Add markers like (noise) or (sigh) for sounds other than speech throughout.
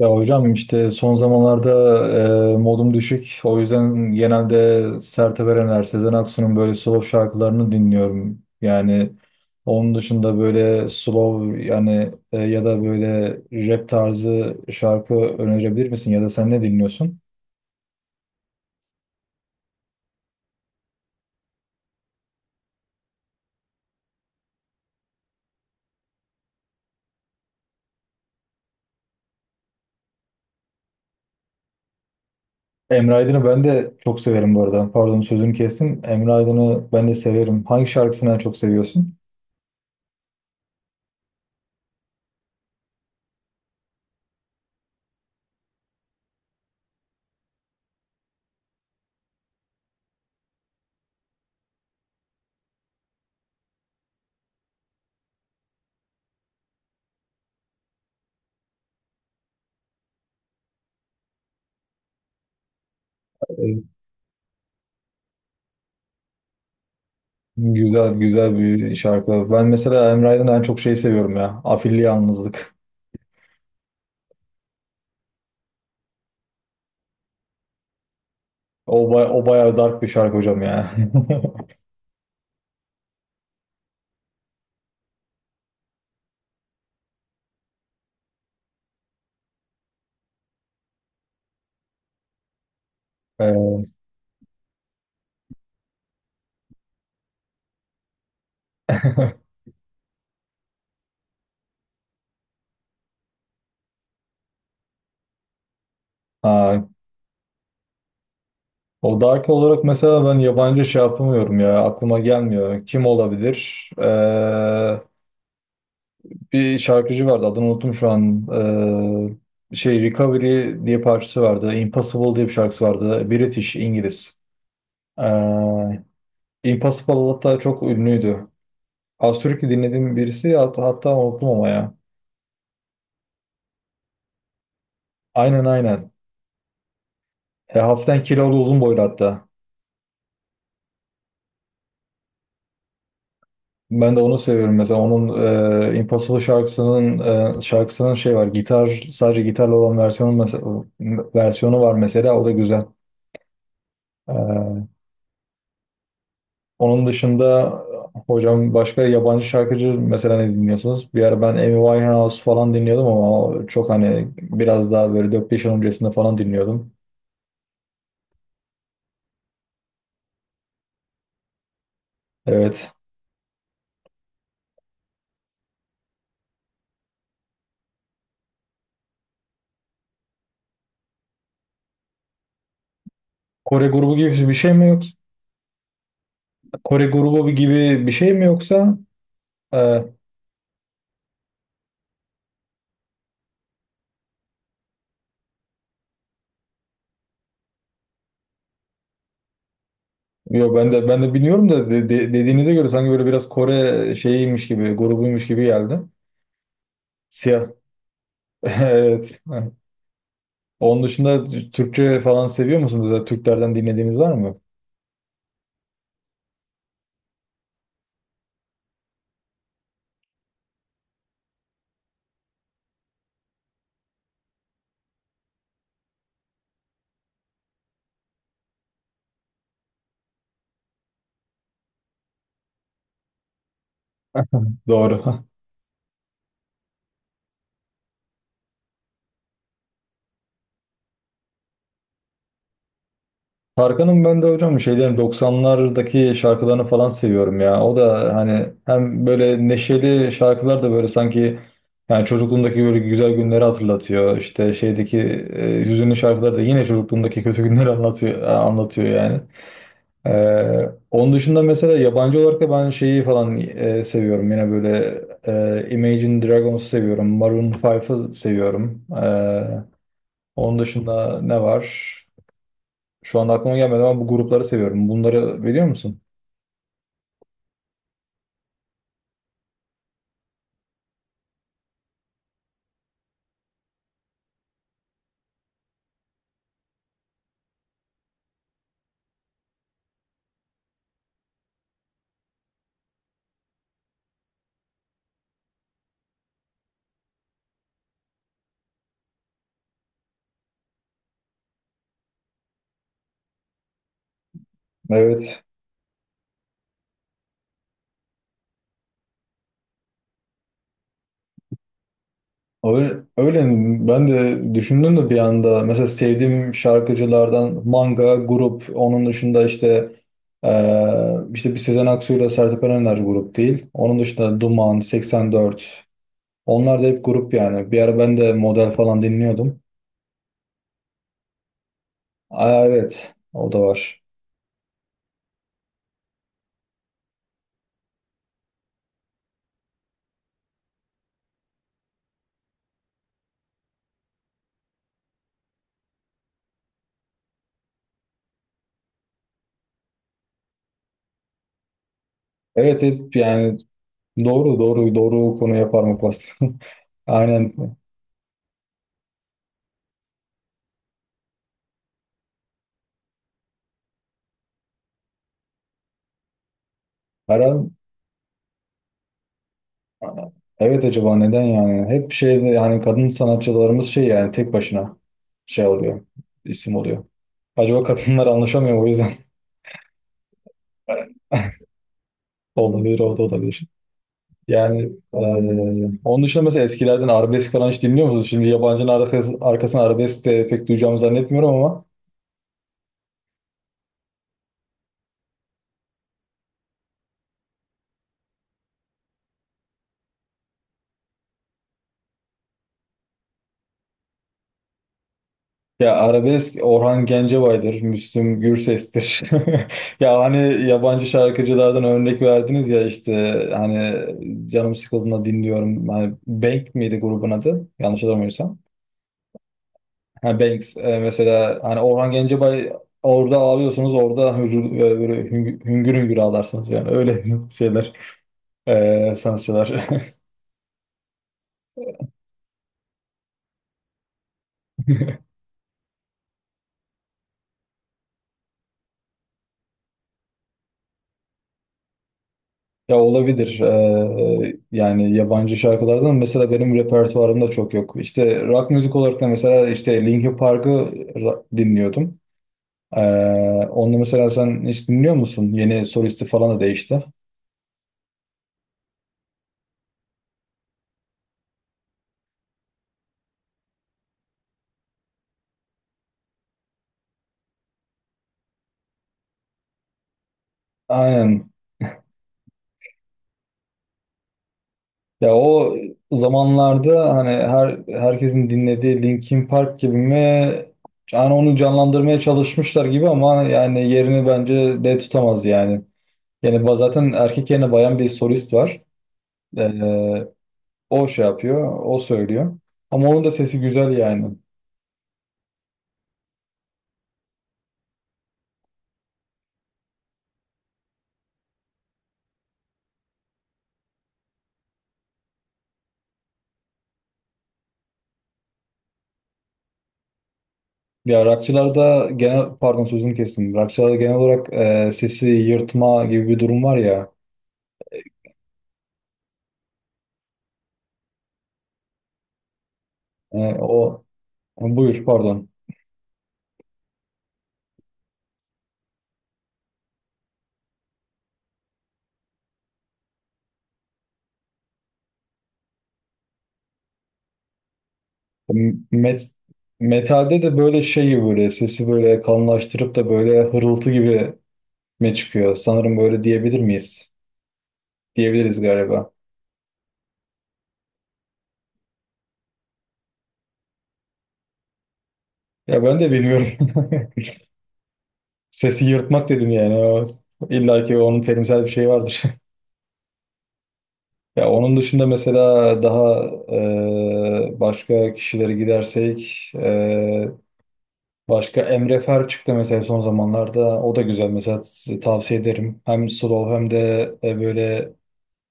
Ya hocam işte son zamanlarda modum düşük. O yüzden genelde sert Erener, Sezen Aksu'nun böyle slow şarkılarını dinliyorum. Yani onun dışında böyle slow yani ya da böyle rap tarzı şarkı önerebilir misin? Ya da sen ne dinliyorsun? Emre Aydın'ı ben de çok severim bu arada. Pardon sözünü kestim. Emre Aydın'ı ben de severim. Hangi şarkısını en çok seviyorsun? Evet. Güzel güzel bir şarkı. Ben mesela Emre Aydın'dan en çok şeyi seviyorum ya. Afilli Yalnızlık. O bayağı dark bir şarkı hocam ya. (laughs) Ee, (laughs) ha, o dark olarak mesela ben yabancı şey yapamıyorum ya. Aklıma gelmiyor. Kim olabilir? Bir şarkıcı vardı. Adını unuttum şu an. Şey, Recovery diye parçası vardı. Impossible diye bir şarkısı vardı. British, İngiliz. Ee, Impossible hatta çok ünlüydü. Az sürekli dinlediğim birisi, hatta unuttum ama ya. Aynen, aynen. E, hafiften kilolu uzun boylu hatta. Ben de onu seviyorum. Mesela onun Impossible şarkısının şey var. Gitar, sadece gitarla olan versiyonu, mesela versiyonu var mesela, o da güzel. E, Onun dışında hocam başka yabancı şarkıcı mesela ne dinliyorsunuz? Bir ara ben Amy Winehouse falan dinliyordum ama o çok hani biraz daha böyle 4-5 yıl öncesinde falan dinliyordum. Evet. Kore grubu gibi bir şey mi yoksa? Kore grubu gibi bir şey mi yoksa? e, Yo, ben de ben de bilmiyorum da dediğinize göre sanki böyle biraz Kore şeyiymiş gibi, grubuymuş gibi geldi. Siyah. (laughs) Evet. Onun dışında Türkçe falan seviyor musunuz? Ya Türklerden dinlediğiniz var mı? Doğru. (laughs) Tarkan'ın ben de hocam şeylerin 90'lardaki şarkılarını falan seviyorum ya. O da hani hem böyle neşeli şarkılar da böyle sanki yani çocukluğumdaki böyle güzel günleri hatırlatıyor. İşte şeydeki hüzünlü şarkılar da yine çocukluğumdaki kötü günleri anlatıyor yani. Onun dışında mesela yabancı olarak da ben şeyi falan seviyorum. Yine böyle Imagine Dragons'u seviyorum. Maroon 5'ı seviyorum. Onun dışında ne var? Şu anda aklıma gelmedi ama bu grupları seviyorum. Bunları biliyor musun? Evet. Öyle, öyle, ben de düşündüm de bir anda mesela sevdiğim şarkıcılardan Manga, grup, onun dışında işte işte bir Sezen Aksu ile Sertab Erener grup değil. Onun dışında Duman, 84, onlar da hep grup yani. Bir ara ben de model falan dinliyordum. Aa, evet o da var. Evet hep yani doğru, doğru, doğru konu yapar mı pasta? (laughs) Aynen. Her evet, acaba neden yani? Hep şeyde yani kadın sanatçılarımız şey yani tek başına şey oluyor. İsim oluyor. Acaba kadınlar anlaşamıyor mu, o yüzden. (laughs) Olabilir, o da olabilir. Yani onun dışında mesela eskilerden arabesk falan hiç dinliyor musunuz? Şimdi yabancının arkasına arabesk de pek duyacağımı zannetmiyorum ama ya arabesk Orhan Gencebay'dır, Müslüm Gürses'tir. (laughs) Ya hani yabancı şarkıcılardan örnek verdiniz ya işte hani canım sıkıldığında dinliyorum. Hani Bank miydi grubun adı? Yanlış hatırlamıyorsam. Ha, Banks, mesela hani Orhan Gencebay, orada ağlıyorsunuz, orada hüngür, böyle hüngür, hüngür hüngür ağlarsınız yani, öyle (laughs) şeyler, sanatçılar. (laughs) Ya olabilir. Yani yabancı şarkılardan mesela benim repertuarımda çok yok. İşte rock müzik olarak da mesela işte dinliyordum. Ee, Onu mesela sen hiç dinliyor musun? Yeni solisti falan da değişti. Aynen. Ya o zamanlarda hani herkesin dinlediği Linkin Park gibi mi? Yani onu canlandırmaya çalışmışlar gibi ama yani yerini bence de tutamaz yani. Zaten erkek yerine bayan bir solist var. Ee, O şey yapıyor, o söylüyor. Ama onun da sesi güzel yani. Ya rockçılarda genel, pardon sözünü kestim. Rockçılarda genel olarak sesi yırtma gibi bir durum var ya. E, o Buyur pardon. Met, Metalde de böyle şeyi böyle sesi böyle kalınlaştırıp da böyle hırıltı gibi mi çıkıyor? Sanırım böyle diyebilir miyiz? Diyebiliriz galiba. Ya ben de bilmiyorum. (laughs) Sesi yırtmak dedim yani. O, illa ki onun terimsel bir şeyi vardır. (laughs) Ya onun dışında mesela daha başka kişilere gidersek, başka Emre Fer çıktı mesela son zamanlarda. O da güzel, mesela size tavsiye ederim. Hem slow hem de böyle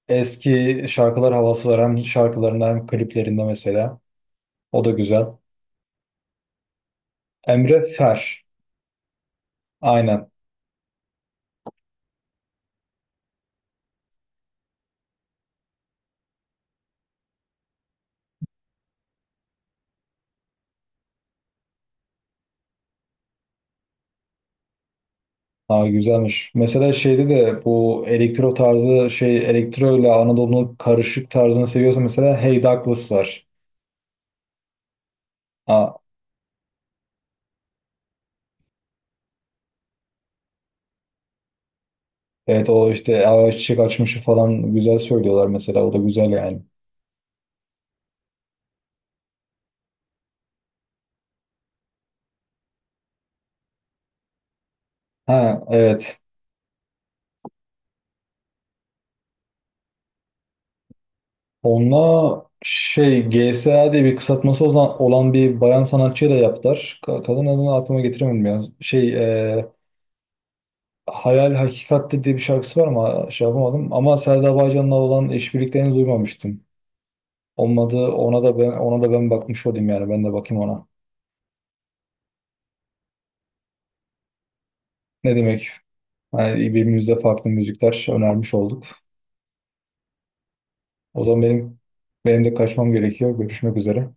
eski şarkılar havası var. Hem şarkılarında hem kliplerinde mesela. O da güzel. Emre Fer. Aynen. Ha, güzelmiş. Mesela şeyde de bu elektro tarzı şey, elektro ile Anadolu'nun karışık tarzını seviyorsa mesela Hey Douglas var. Ha, evet, o işte Ay Çiçek Açmış'ı falan güzel söylüyorlar mesela. O da güzel yani. Ha, evet. Onunla şey GSA diye bir kısaltması olan bir bayan sanatçıyla yaptılar. Kadın adını aklıma getiremedim ya. Şey, e, Hayal Hakikatte diye bir şarkısı var ama şey yapamadım. Ama Selda Bağcan'la olan işbirliklerini duymamıştım. Olmadı, ona da ben bakmış olayım yani, ben de bakayım ona. Ne demek? Yani birbirimize farklı müzikler önermiş olduk. O zaman benim de kaçmam gerekiyor. Görüşmek üzere.